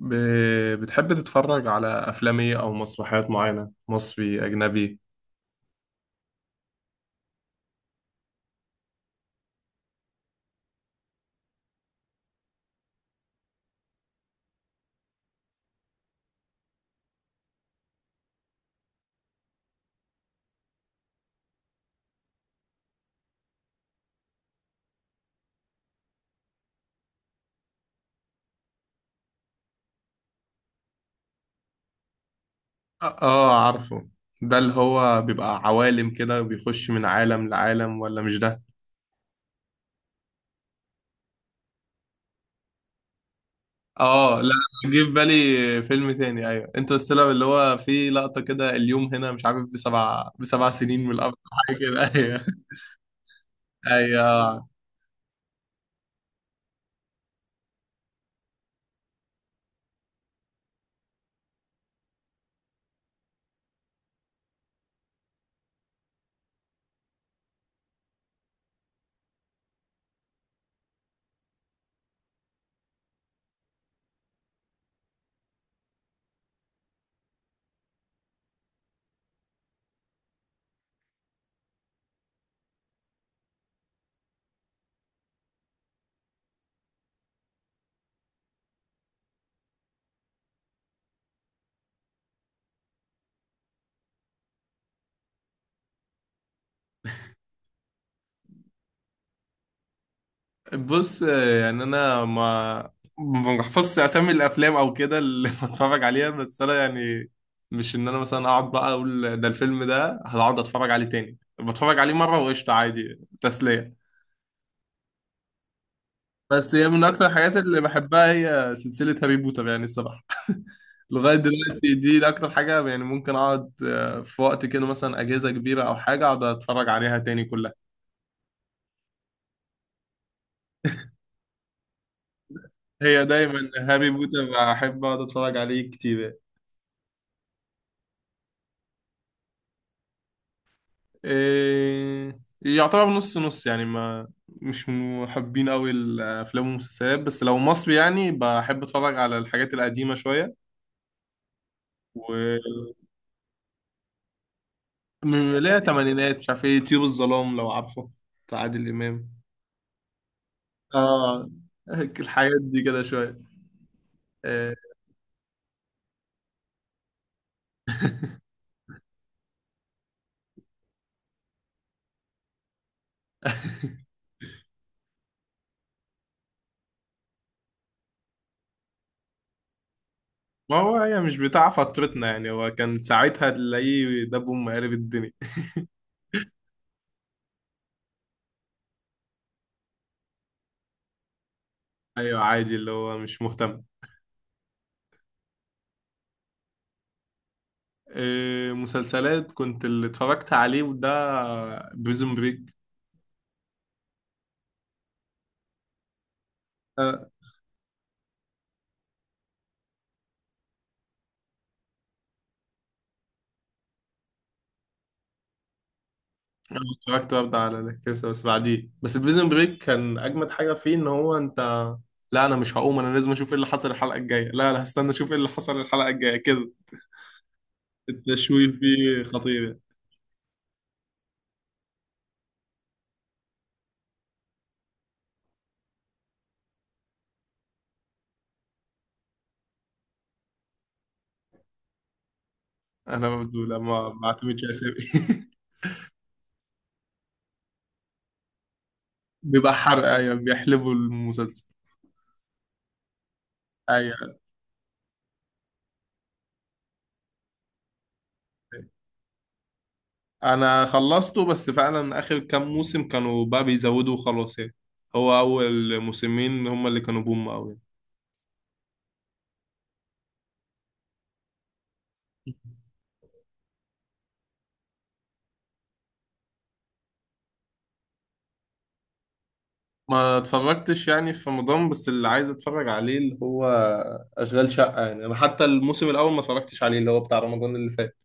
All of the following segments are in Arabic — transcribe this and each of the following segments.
ب... بتحب تتفرج على أفلام إيه أو مسرحيات معينة، مصري أجنبي؟ آه، آه، عارفه. ده اللي هو بيبقى عوالم كده بيخش من عالم لعالم، ولا مش ده؟ آه، لا. جه في بالي فيلم تاني. أيوه، انترستيلر، اللي هو فيه لقطة كده، اليوم هنا مش عارف بسبع سنين من الأرض. حاجة كده، أيوه. أيوه. بص، يعني انا ما بحفظش اسامي الافلام او كده اللي بتفرج عليها، بس انا يعني مش ان انا مثلا اقعد بقى اقول ده الفيلم ده هقعد اتفرج عليه تاني، بتفرج عليه مره وقشطه عادي، تسليه. بس هي من اكتر الحاجات اللي بحبها هي سلسله هاري بوتر، يعني الصراحه. لغايه دلوقتي دي اكتر حاجه، يعني ممكن اقعد في وقت كده مثلا اجازه كبيره او حاجه، اقعد اتفرج عليها تاني كلها. هي دايما هاري بوتر. بحب اقعد اتفرج عليه كتير. إيه، يعتبر نص نص، يعني ما مش محبين قوي الافلام والمسلسلات، بس لو مصري يعني بحب اتفرج على الحاجات القديمه شويه. و من لا تمانينات، مش عارف ايه، طيور الظلام لو عارفه. بتاع عادل امام. اه، الحاجات دي كده شويه. إيه. ما هو هي مش بتاع فترتنا يعني، هو كان ساعتها تلاقيه دب أم قلب الدنيا. ايوه، عادي، اللي هو مش مهتم. إيه، مسلسلات. كنت اللي اتفرجت عليه وده بريزون بريك. أه. أنا اتفرجت برضه على الكرسي بس بعديه، بس بريزون بريك كان أجمد حاجة فيه، إن هو أنت، لا أنا مش هقوم، أنا لازم أشوف إيه اللي حصل الحلقة الجاية. لا، لا، هستنى أشوف إيه اللي حصل الحلقة الجاية كده. التشويق فيه خطير. أنا برضه لما ما اعتمدش أسامي. بيبقى حرق، أيوة بيحلبوا المسلسل. أيوة. انا خلصته بس فعلا اخر كام موسم كانوا بقى بيزودوا وخلاص يعني. هو اول موسمين هم اللي كانوا بوم قوي. ما اتفرجتش يعني في رمضان، بس اللي عايز اتفرج عليه اللي هو اشغال شقة. يعني انا حتى الموسم الاول ما اتفرجتش عليه، اللي هو بتاع رمضان اللي فات.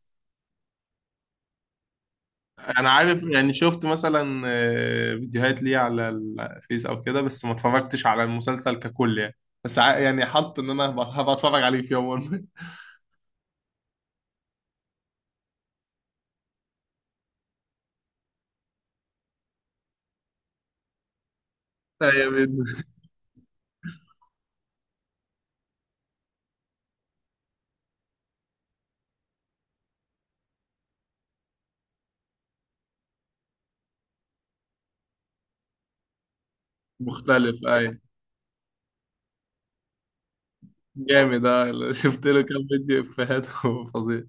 انا عارف يعني، شفت مثلا فيديوهات ليه على الفيس او كده، بس ما اتفرجتش على المسلسل ككل يعني. بس يعني حط ان انا هبقى اتفرج عليه في يوم. ما. ايوه. مختلف، ايوه. جامد، اه. شفت له كام فيديو افيهات. فظيع.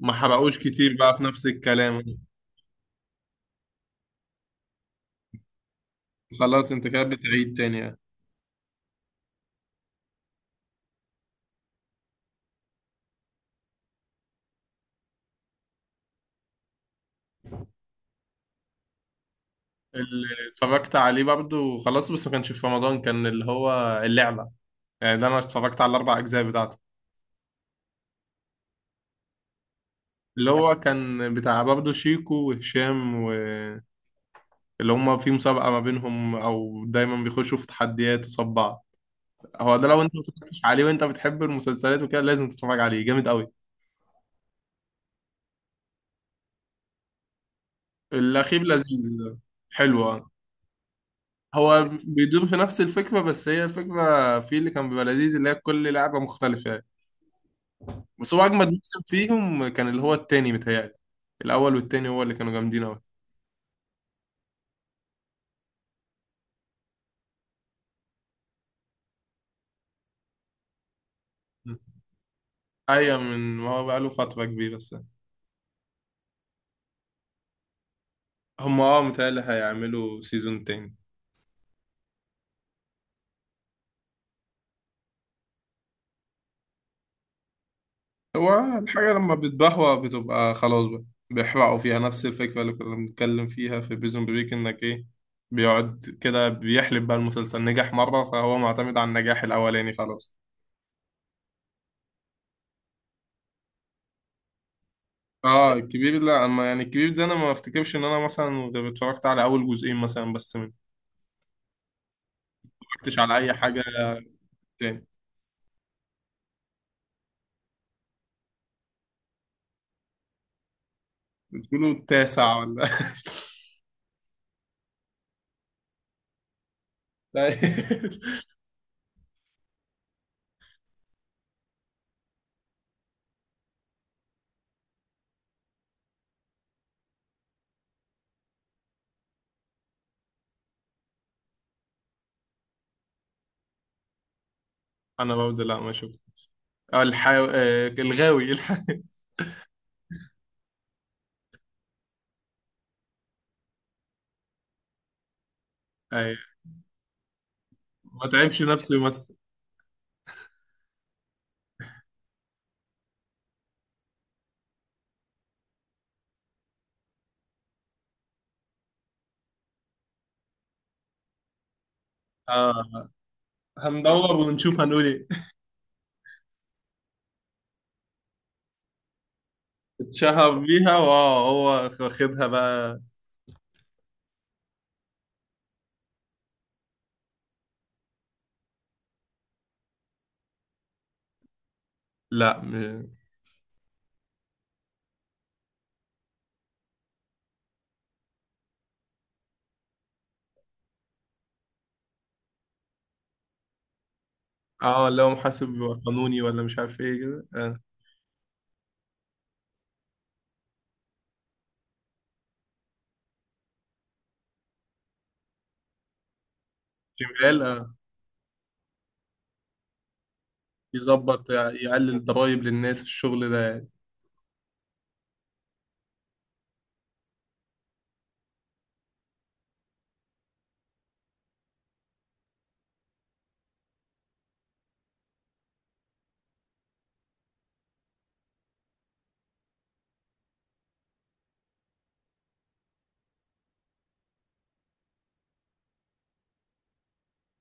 ما حرقوش كتير بقى في نفس الكلام. خلاص انت كده بتعيد تاني يعني. اللي اتفرجت عليه برضه خلاص، بس ما كانش في رمضان، كان اللي هو اللعبة. يعني ده انا اتفرجت على الاربع اجزاء بتاعته، اللي هو كان بتاع برضه شيكو وهشام و اللي هما في مسابقة ما بينهم، أو دايما بيخشوا في تحديات وصف بعض. هو ده، لو أنت ما اتفرجتش عليه وأنت بتحب المسلسلات وكده لازم تتفرج عليه، جامد أوي. الأخير لذيذ. حلو، آه. هو بيدور في نفس الفكرة، بس هي الفكرة في اللي كان بيبقى لذيذ اللي هي كل لعبة مختلفة يعني. بس هو أجمد موسم فيهم كان اللي هو التاني، متهيألي. الأول والتاني هو اللي كانوا جامدين أوي. م. أيوة، من ما هو بقاله فترة كبيرة بس. هم متهيألي هيعملوا سيزون تاني. هو الحاجة لما بتبهوأ بتبقى خلاص بقى. بيحرقوا فيها نفس الفكرة اللي كنا بنتكلم فيها في بريزون بريك، إنك إيه، بيقعد كده بيحلب بقى المسلسل، نجح مرة فهو معتمد على النجاح الأولاني خلاص. اه، الكبير، لا، اما يعني الكبير ده انا ما افتكرش ان انا مثلا غير اتفرجت على اول جزئين مثلا، بس ما اتفرجتش على اي حاجه تاني. بتقولوا التاسع ولا؟ لا. انا برضه، لا، ما شفت. آه، الحا... آه، الغاوي. أيوة. ما تعبش نفسه يمثل. آه. هندور ونشوف هنقول ايه. اتشهر بيها، واه هو واخدها بقى. لا، اه، اللي هو محاسب قانوني ولا مش عارف ايه كده، آه. شمال، آه. يظبط يقلل ضرايب للناس، الشغل ده يعني.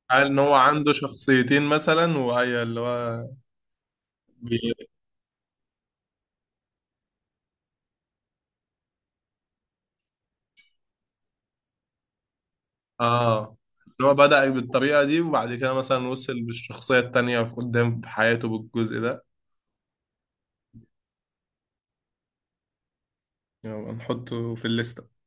قال ان هو عنده شخصيتين مثلا، وهي اللي هو بي... اه، اللي هو بدأ بالطريقة دي، وبعد كده مثلا وصل بالشخصية التانية في قدام في حياته بالجزء ده. يلا، نحطه في الليستة.